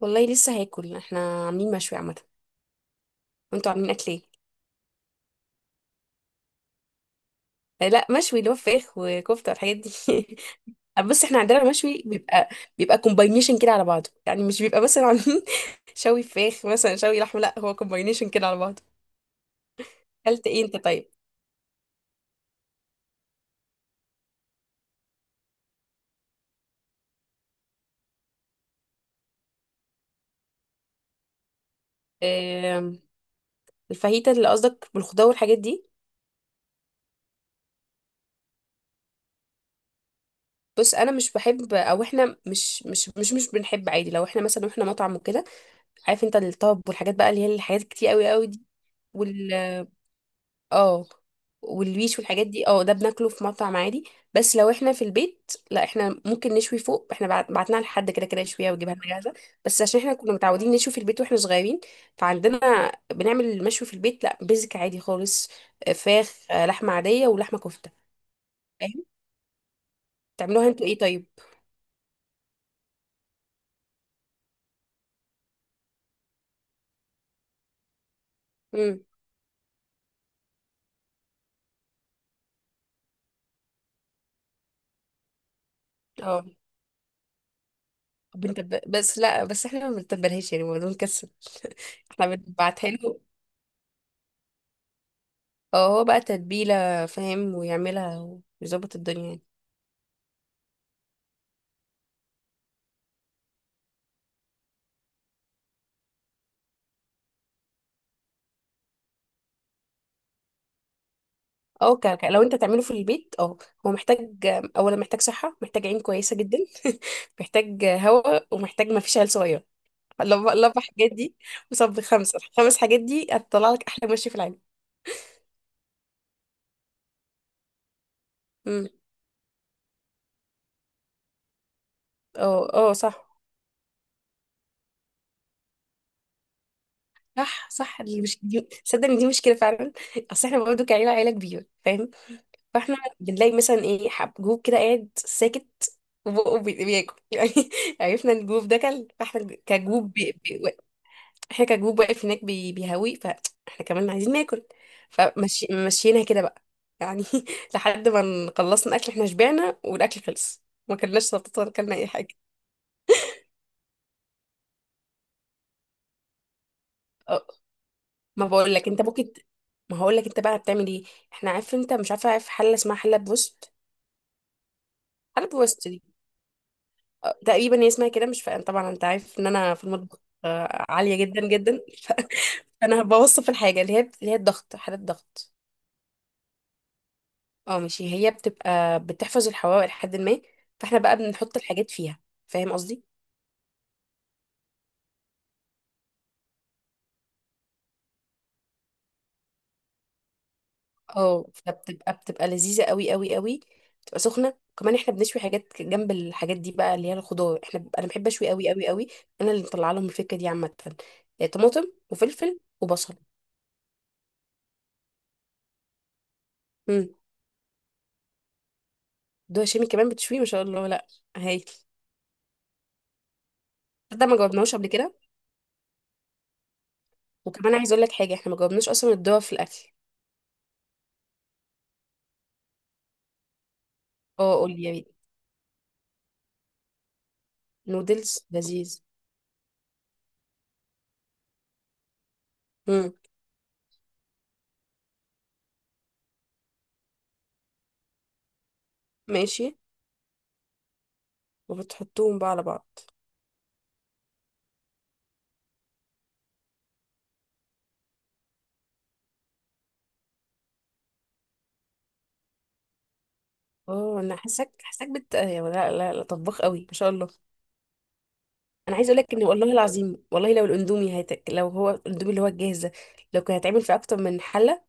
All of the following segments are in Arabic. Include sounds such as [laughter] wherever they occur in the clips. والله لسه هاكل. احنا عاملين مشوي عامه. وانتوا عاملين اكل ايه؟ آه، لا مشوي اللي هو فراخ وكفته والحاجات دي. [laughs] بس احنا عندنا المشوي بيبقى كومباينيشن كده على بعضه. يعني مش بيبقى مثلا عاملين [laughs] شوي فراخ مثلا شوي لحمه، لا هو كومباينيشن كده على بعضه. اكلت ايه انت طيب؟ آم، الفاهيتا اللي قصدك بالخضار والحاجات دي. بص انا مش بحب، او احنا مش بنحب عادي، لو احنا مثلا احنا مطعم وكده. عارف انت الطب والحاجات بقى، اللي هي الحاجات كتير قوي قوي. دي اه، والويش والحاجات دي اه ده بناكله في مطعم عادي. بس لو احنا في البيت لا، احنا ممكن نشوي فوق. احنا بعتناها لحد كده، كده يشويها ويجيبها لنا جاهزه. بس عشان احنا كنا متعودين نشوي في البيت واحنا صغيرين، فعندنا بنعمل المشوي في البيت، لا بيزك عادي خالص. آه، فراخ، آه، لحمه عاديه ولحمه كفته. فاهم. تعملوها انتوا ايه طيب؟ امم. اه بس لا، بس احنا ما بنتبلهاش، يعني الموضوع مكسل. [laughs] احنا بنبعتها له. اه هو بقى تتبيله، فاهم، ويعملها ويظبط الدنيا يعني. اه لو انت تعمله في البيت، اه هو محتاج، اولا محتاج صحه، محتاج عين كويسه جدا، محتاج، هواء، ومحتاج ما فيش عيل صغير. الاربع حاجات دي. وصب خمسه، الخمس حاجات دي هتطلع لك احلى مشي في العالم. امم، اه اه، صح صح صح. اللي مش دي، صدق ان دي مشكله فعلا. اصل احنا برضه كعيله، عيله كبيره، فاهم. فاحنا بنلاقي مثلا ايه، حب جروب كده قاعد ساكت، وبقه بياكل [laughs] يعني. عرفنا ان الجروب ده كل، فاحنا كجروب، احنا كجروب واقف هناك بيهوي، فاحنا كمان عايزين ناكل. فمشيناها كده بقى، يعني [laughs] لحد ما خلصنا اكل. احنا شبعنا والاكل خلص، ما كلناش سلطات ولا كلنا اي حاجه. أه، ما بقول لك انت ممكن ما هقول لك انت بقى بتعمل ايه. احنا عارف انت مش عارفه. عارف حله اسمها حله بوست؟ حله بوست دي، أه، تقريبا هي اسمها كده، مش فاهم طبعا، انت عارف ان انا في المطبخ عاليه جدا جدا. [laughs] فانا بوصف الحاجه اللي هي الضغط، حاله الضغط. اه ماشي، هي بتبقى بتحفظ الحواوي لحد ما. فاحنا بقى بنحط الحاجات فيها، فاهم قصدي. اه فبتبقى لذيذة قوي قوي قوي. بتبقى سخنة كمان. احنا بنشوي حاجات جنب الحاجات دي بقى، اللي هي الخضار. احنا انا بحب اشوي قوي قوي قوي. انا اللي مطلعه لهم الفكرة دي عامة، يعني طماطم وفلفل وبصل. امم دول هشامي كمان بتشوي ما شاء الله لا. هايل. ده ما جاوبناهوش قبل كده. وكمان عايز اقول لك حاجة، احنا ما جاوبناش اصلا الدوا في الاكل. اه قول لي يا بيه. نودلز لذيذ. امم. ماشي. وبتحطوهم بقى على بعض. اه انا حاساك بت يا، لا لا لا، طباخ قوي ما شاء الله. انا عايزه اقول لك ان، والله العظيم، والله لو الاندومي لو هو الاندومي اللي هو الجاهز ده لو كان هيتعمل في اكتر من حله،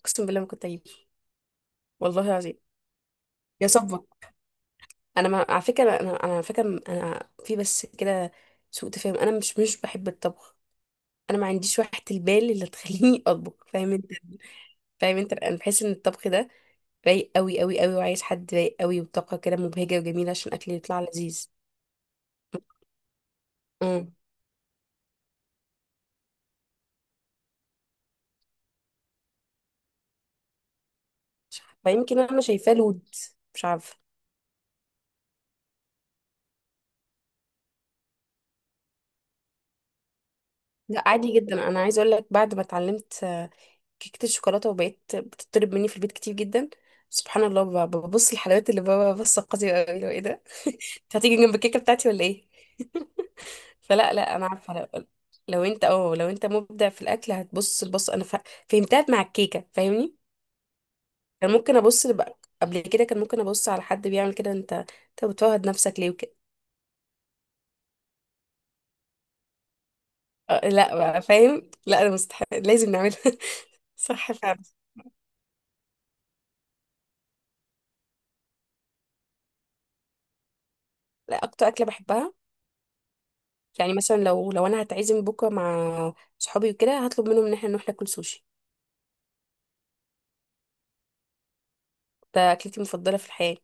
اقسم بالله ما كنت هجيبه. والله العظيم. يا صبك، انا ما... على فكره، انا على فكره، انا في بس كده سوء تفاهم، انا مش بحب الطبخ. انا ما عنديش وحده البال اللي تخليني [laughs] اطبخ، فاهم انت. فاهم انت، انا بحس ان الطبخ ده رايق قوي قوي قوي، وعايز حد رايق قوي وطاقه كده مبهجه وجميله عشان الاكل يطلع لذيذ. فيمكن انا شايفاه لود، مش عارفه. لا عادي جدا، انا عايزه اقول لك بعد ما اتعلمت كيكه الشوكولاته وبقيت بتطلب مني في البيت كتير جدا، سبحان الله، ببص الحلويات، اللي بابا بص قاسي قوي لو ايه ده. [laughs] انت هتيجي جنب الكيكه بتاعتي ولا ايه؟ [laughs] فلا لا، انا عارفه لو انت مبدع في الاكل هتبص. البص انا فهمتها مع الكيكه، فاهمني. كان ممكن ابص بقى قبل كده، كان ممكن ابص على حد بيعمل كده. انت بتفوهد نفسك ليه وكده. آه، لا بقى فاهم، لا انا مستحيل لازم نعملها. صح فعلا. لا اكتر اكله بحبها، يعني مثلا لو انا هتعزم بكره مع صحابي وكده، هطلب منهم ان احنا نروح ناكل سوشي. ده اكلتي المفضله في الحياه.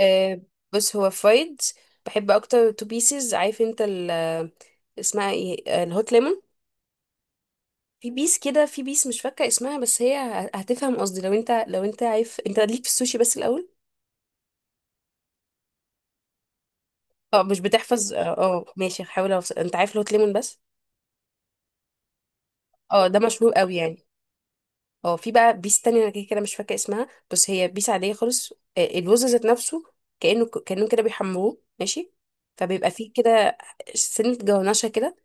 أه بص هو فرايد. بحب اكتر تو بيسز. عارف انت ال، اسمها ايه، الهوت ليمون. في بيس كده، في بيس مش فاكره اسمها، بس هي هتفهم قصدي، لو انت لو انت عارف انت ليك في السوشي بس الاول. اه، مش بتحفظ، اه ماشي هحاول أوصل. انت عارف الهوت ليمون بس، اه ده مشهور قوي يعني. اه، في بقى بيس تانية، انا كده كده مش فاكره اسمها، بس هي بيس عاديه خالص، الرز ذات نفسه، كانه كانهم كده بيحمروه ماشي. فبيبقى فيه كده سنه جونشه كده،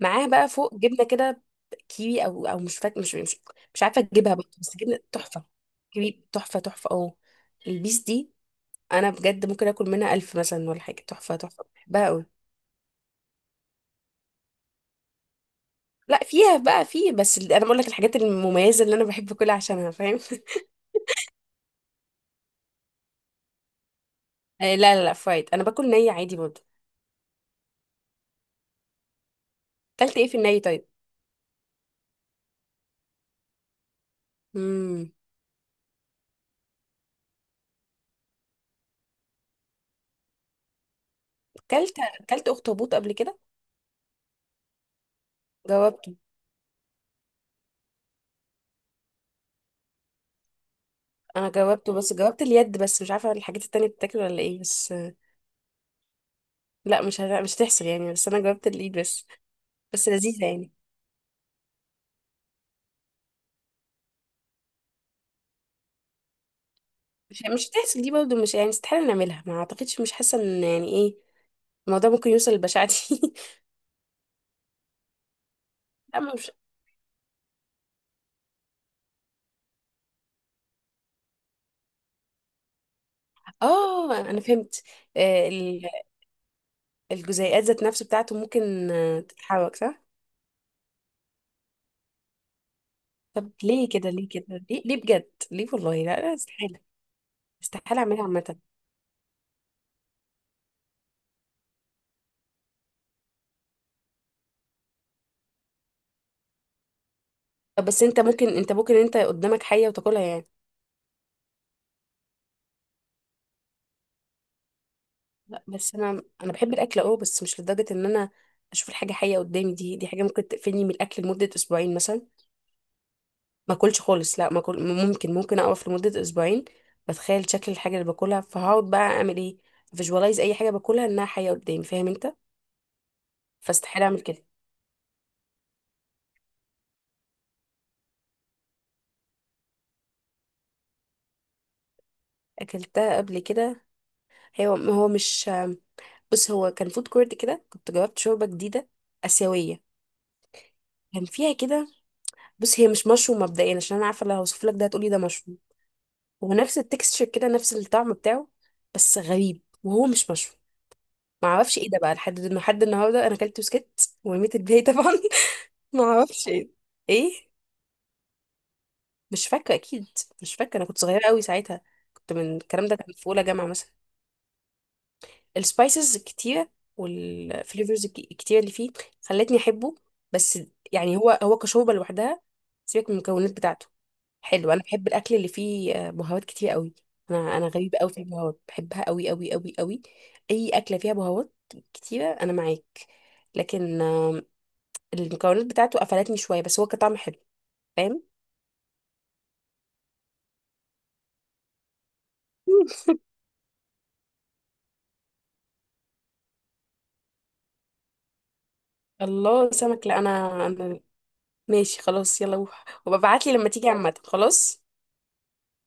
معاها بقى فوق جبنه كده، كيوي او مش فاكر مش عارفه تجيبها برضه، بس جبنه تحفه، كيوي، تحفه تحفه اه. البيس دي، انا بجد ممكن اكل منها الف مثلا ولا حاجه، تحفه تحفه، بحبها قوي. لا فيها بقى، فيه بس انا بقول لك الحاجات المميزه اللي انا بحب اكلها عشانها، فاهم. [laughs] آه، لا لا لا، فرايد، انا باكل نيه عادي برضه. كلت ايه في الني طيب؟ امم. كلت كلت اخطبوط قبل كده؟ جاوبته. انا جاوبته بس، جاوبت اليد بس، مش عارفه الحاجات التانية بتاكل ولا ايه بس. لا مش هتحصل يعني، بس انا جاوبت الايد بس. بس لذيذه يعني. مش هتحصل دي برضه، مش يعني، استحاله نعملها، ما اعتقدش، مش حاسه ان يعني ايه، الموضوع ممكن يوصل للبشاعه دي. [laughs] اما مش. اه انا فهمت. آه، ال- الجزيئات ذات نفسه بتاعته ممكن تتحرك صح. طب ليه كده، ليه كده، ليه ليه بجد ليه، والله لا لا، استحاله، استحاله اعملها عامه. بس انت ممكن انت قدامك حية وتاكلها يعني. لا بس انا بحب الاكل اه، بس مش لدرجة ان انا اشوف الحاجة حية قدامي، دي حاجة ممكن تقفلني من الاكل لمدة اسبوعين مثلا، ما اكلش خالص لا ما أكل. ممكن اقف لمدة اسبوعين بتخيل شكل الحاجة اللي باكلها، فهقعد بقى اعمل ايه، فيجوالايز اي حاجة باكلها انها حية قدامي، فاهم انت. فاستحيل اعمل كده. اكلتها قبل كده. هي هو مش بص هو كان فود كورت كده، كنت جربت شوربة جديدة آسيوية. كان فيها كده، بص هي مش مشروم مبدئيا، عشان انا عارفه لو هوصف لك ده هتقولي ده مشروم. هو نفس التكستشر كده، نفس الطعم بتاعه، بس غريب وهو مش مشروم. ما اعرفش ايه ده بقى لحد لحد النهارده. انا اكلت بسكت ورميت الباقي طبعا. [laughs] ما اعرفش ايه، ايه، مش فاكره اكيد. مش فاكره انا كنت صغيره قوي ساعتها، كنت من الكلام ده، كان في اولى جامعه مثلا. السبايسز الكتيره والفليفرز الكتيره اللي فيه خلتني احبه بس. يعني هو كشوربه لوحدها، سيبك من المكونات بتاعته. حلو، انا بحب الاكل اللي فيه بهارات كتير قوي. انا غريبه قوي في البهارات، بحبها قوي قوي قوي قوي. اي اكله فيها بهارات كتيره انا معاك، لكن المكونات بتاعته قفلتني شويه، بس هو كطعم حلو. فاهم. مم. الله سمك، لا انا. ماشي خلاص، يلا روح، وببعتلي لما تيجي عامه خلاص.